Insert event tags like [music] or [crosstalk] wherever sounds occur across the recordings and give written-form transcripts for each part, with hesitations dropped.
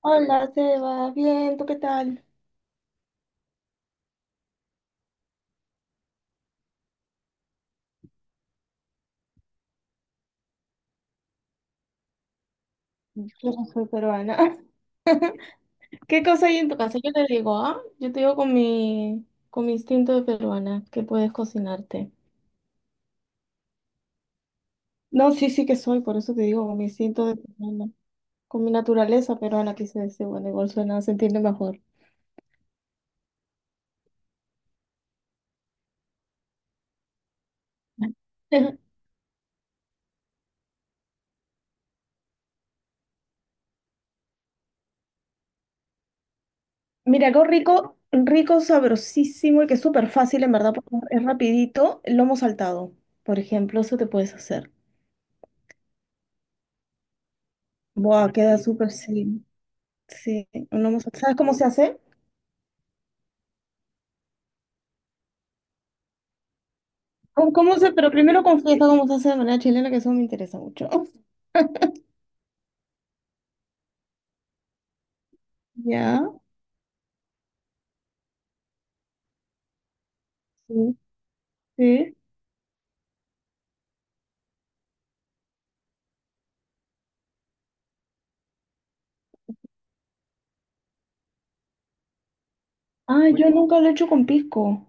Hola, se va bien, ¿tú qué tal? Yo no soy peruana. [laughs] ¿Qué cosa hay en tu casa? Yo te digo, ¿ah? Yo te digo con mi instinto de peruana que puedes cocinarte. No, sí, sí que soy, por eso te digo, con mi instinto de peruana. Con mi naturaleza peruana, quise decir, bueno, igual suena, se entiende mejor. [laughs] Mira, algo rico, rico, sabrosísimo y que es súper fácil, en verdad, porque es rapidito, el lomo saltado, por ejemplo, eso te puedes hacer. Buah, queda súper, sí, sí, un lomo saltado. ¿Sabes cómo se hace? ¿Cómo se, pero primero confiesa cómo se hace de manera chilena, que eso me interesa mucho. [laughs] Ya, sí, sí. Ah, yo nunca lo he hecho con pisco.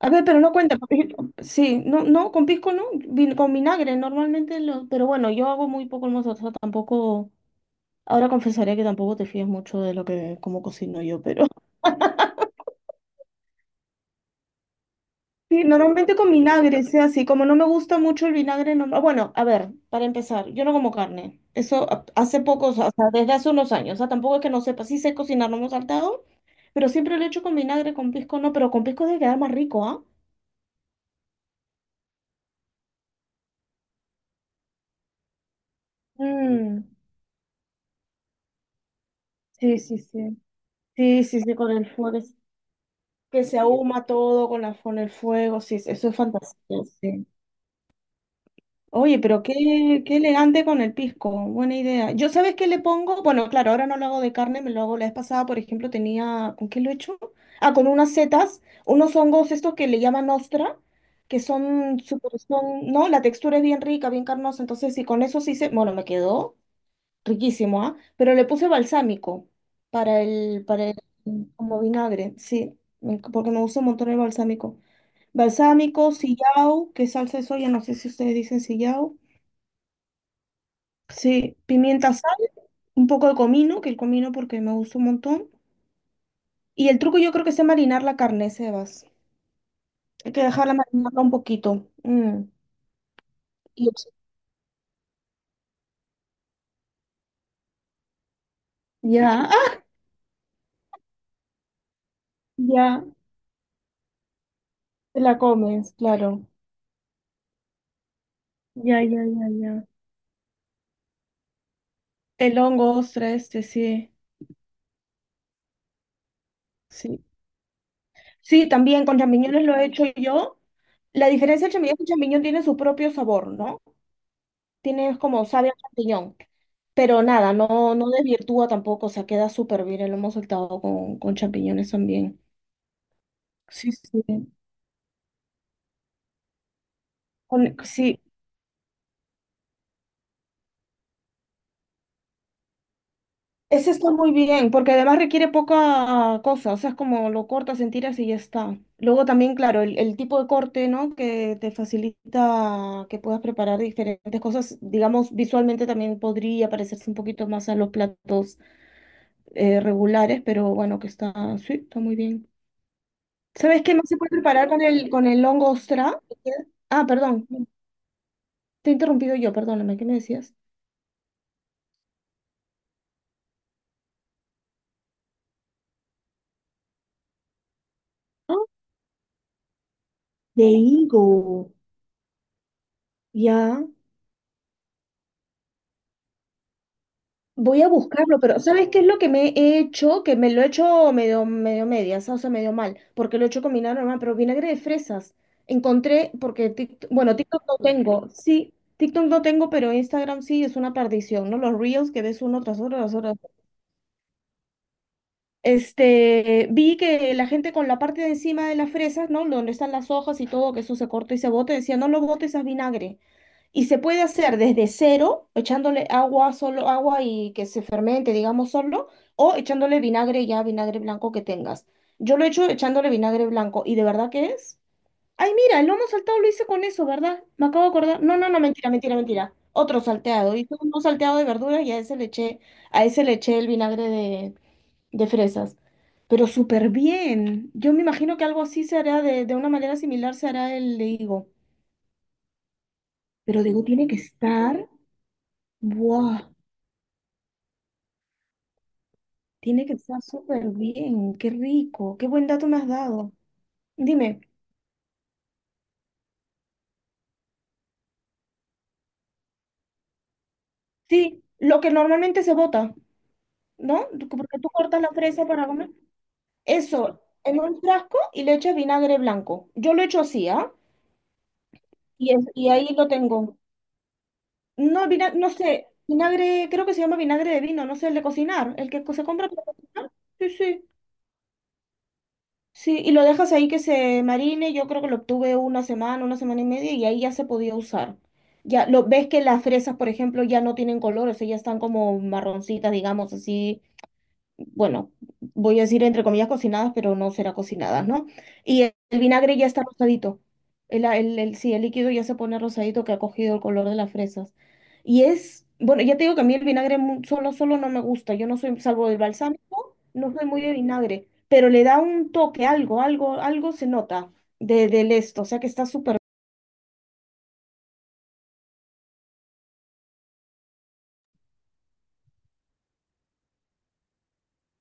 A ver, pero no cuenta, porque sí, no, no, con pisco no, con vinagre, normalmente lo, pero bueno, yo hago muy poco el mozo, o sea, tampoco, ahora confesaría que tampoco te fías mucho de lo que, cómo cocino yo, pero sí, normalmente con vinagre, sea así. Como no me gusta mucho el vinagre, no... Bueno, a ver, para empezar, yo no como carne. Hace poco, o sea, desde hace unos años. O sea, tampoco es que no sepa. Sí sé cocinar, no me he saltado, pero siempre lo he hecho con vinagre, con pisco no, pero con pisco debe quedar más rico, ¿ah? Mm, sí, sí, sí. Sí, sí, sí, con el fuego, que se ahuma todo con el fuego, sí, eso es fantasía, sí. Oye, pero qué elegante con el pisco, buena idea. Yo, ¿sabes qué le pongo? Bueno, claro, ahora no lo hago de carne, me lo hago la vez pasada, por ejemplo, tenía, ¿con qué lo he hecho? Ah, con unas setas, unos hongos estos que le llaman ostra, que son súper, son, ¿no? La textura es bien rica, bien carnosa, entonces y con eso sí se, bueno, me quedó riquísimo, ¿ah? Pero le puse balsámico para el, como vinagre, sí, porque me gusta un montón el balsámico. Balsámico, sillao, que salsa de soya, no sé si ustedes dicen sillao. Sí, pimienta, sal, un poco de comino, que el comino porque me gusta un montón. Y el truco yo creo que es marinar la carne, Sebas. Hay que dejarla marinarla un poquito. Mm. Y ya, [laughs] ¡ah! Ya, te la comes, claro. Ya. El hongo, ostra, este, sí, sí. Sí, también con champiñones lo he hecho yo. La diferencia del champiñón es que el champiñón tiene su propio sabor, ¿no? Tiene como sabe a champiñón. Pero nada, no, no desvirtúa tampoco, o sea, queda súper bien lo hemos saltado con champiñones también. Sí, sí. Con- sí, ese está muy bien, porque además requiere poca cosa, o sea, es como lo cortas en tiras y ya está. Luego también, claro, el tipo de corte, ¿no? Que te facilita que puedas preparar diferentes cosas, digamos, visualmente también podría parecerse un poquito más a los platos regulares, pero bueno, que está, sí, está muy bien. ¿Sabes qué más se puede preparar con con el hongo ostra? Ah, perdón, te he interrumpido yo, perdóname, ¿qué me decías? Ah, de higo, ya. Voy a buscarlo, pero ¿sabes qué es lo que me he hecho? Que me lo he hecho medio, medio medias, o sea, medio mal, porque lo he hecho con vinagre normal, pero vinagre de fresas. Encontré, porque, TikTok no tengo, sí, TikTok no tengo, pero Instagram sí es una perdición, ¿no? Los reels que ves uno tras otro, tras otro. Este, vi que la gente con la parte de encima de las fresas, ¿no? Donde están las hojas y todo, que eso se corta y se bota, decía, no lo botes a vinagre. Y se puede hacer desde cero, echándole agua, solo agua y que se fermente, digamos, solo, o echándole vinagre ya, vinagre blanco que tengas. Yo lo he hecho echándole vinagre blanco, y de verdad que es. Ay, mira, el lomo saltado lo hice con eso, ¿verdad? Me acabo de acordar. No, no, no, mentira, mentira, mentira. Otro salteado. Hice un salteado de verduras y a ese le eché el vinagre de fresas. Pero súper bien. Yo me imagino que algo así se hará de una manera similar, se hará el de higo. Pero digo, tiene que estar, ¡buah! Tiene que estar súper bien. Qué rico, qué buen dato me has dado. Dime, sí, lo que normalmente se bota, ¿no? Porque tú cortas la fresa para comer. Eso, en un frasco y le echas vinagre blanco. Yo lo echo así, ¿ah? Y, y ahí lo tengo. No, no sé, vinagre, creo que se llama vinagre de vino, no sé, el de cocinar, el que se compra para cocinar. Sí, sí. Sí, y lo dejas ahí que se marine, yo creo que lo obtuve una semana y media, y ahí ya se podía usar. Ya, lo ves que las fresas, por ejemplo, ya no tienen color, o sea, ya están como marroncitas, digamos, así, bueno, voy a decir entre comillas cocinadas, pero no será cocinadas, ¿no? Y el vinagre ya está rosadito. Sí, el líquido ya se pone rosadito que ha cogido el color de las fresas. Y es, bueno, ya te digo que a mí el vinagre solo, solo no me gusta. Yo no soy, salvo el balsámico, no soy muy de vinagre, pero le da un toque, algo, algo, algo se nota de, del esto, o sea que está súper.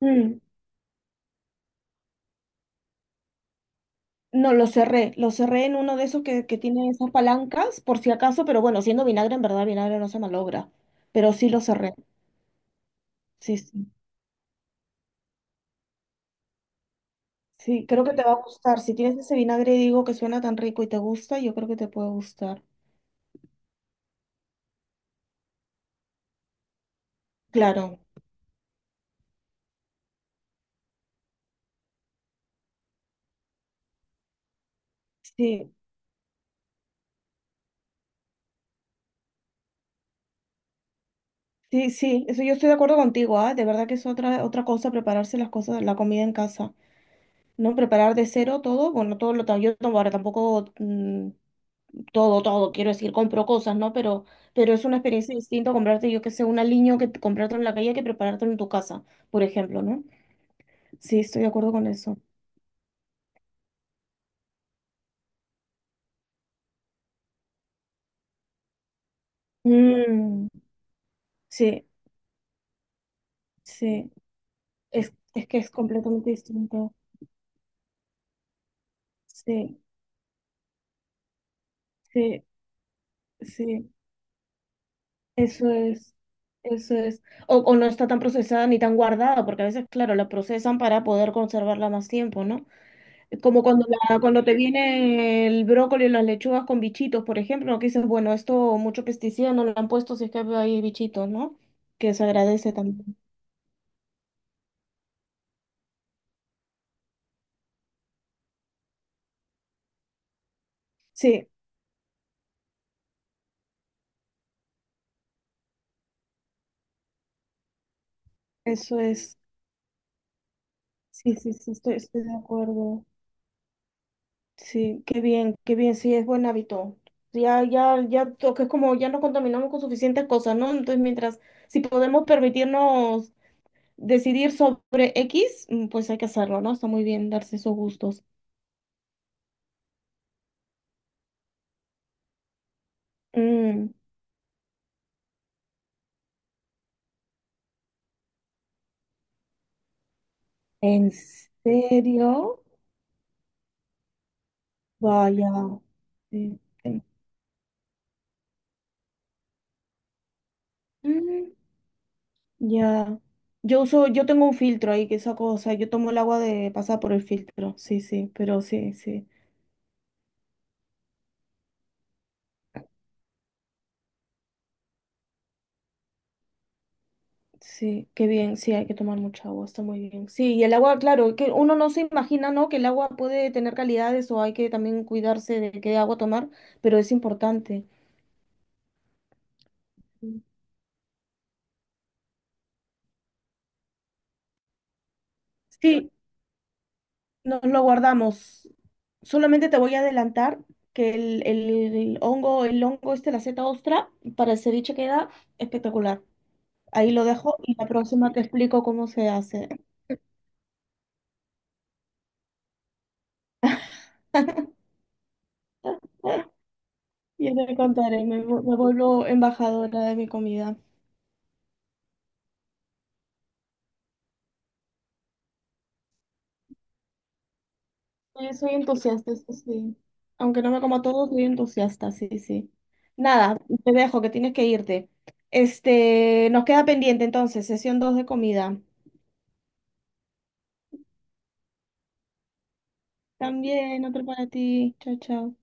Mm. No, lo cerré en uno de esos que tiene esas palancas, por si acaso, pero bueno, siendo vinagre, en verdad, vinagre no se malogra, pero sí lo cerré, sí, sí, sí, creo que te va a gustar, si tienes ese vinagre, digo, que suena tan rico y te gusta, yo creo que te puede gustar, claro, sí, sí, sí, eso yo estoy de acuerdo contigo, ah, de verdad que es otra, otra cosa prepararse las cosas, la comida en casa, ¿no? Preparar de cero todo, bueno, todo lo, ahora tampoco todo, todo, quiero decir, compro cosas, ¿no? Pero es una experiencia distinta comprarte, yo que sé, un aliño que comprarte en la calle que prepararte en tu casa, por ejemplo, ¿no? Sí, estoy de acuerdo con eso. Mm, sí, sí, es que es completamente distinto. Sí, sí, sí, eso es, eso es. O no está tan procesada ni tan guardada, porque a veces, claro, la procesan para poder conservarla más tiempo, ¿no? Como cuando, cuando te viene el brócoli y las lechugas con bichitos, por ejemplo, ¿no? Que dices, bueno, esto mucho pesticida no lo han puesto si es que hay bichitos, ¿no? Que se agradece también. Sí, eso es. Sí, sí, sí, estoy, estoy de acuerdo. Sí, qué bien, sí, es buen hábito. Ya, que es como ya no contaminamos con suficientes cosas, ¿no? Entonces, mientras, si podemos permitirnos decidir sobre X, pues hay que hacerlo, ¿no? Está muy bien darse esos gustos. Mm. ¿En serio? Vaya. Sí, sí. Mm, ya. Yo tengo un filtro ahí que saco, o sea, yo tomo el agua de pasar por el filtro. Sí, sí, pero sí, sí. Sí, qué bien, sí, hay que tomar mucha agua, está muy bien. Sí, y el agua, claro, que uno no se imagina, ¿no? Que el agua puede tener calidades o hay que también cuidarse de qué agua tomar, pero es importante. Sí, nos lo guardamos. Solamente te voy a adelantar que el hongo este, la seta ostra, para el ceviche queda espectacular. Ahí lo dejo y la próxima te explico cómo se hace. [laughs] Y te contaré, me vuelvo embajadora de mi comida. Sí, soy entusiasta, eso sí. Aunque no me como todo, soy entusiasta, sí, sí. Nada, te dejo que tienes que irte. Este, nos queda pendiente entonces, sesión 2 de comida. También, otro para ti. Chao, chao.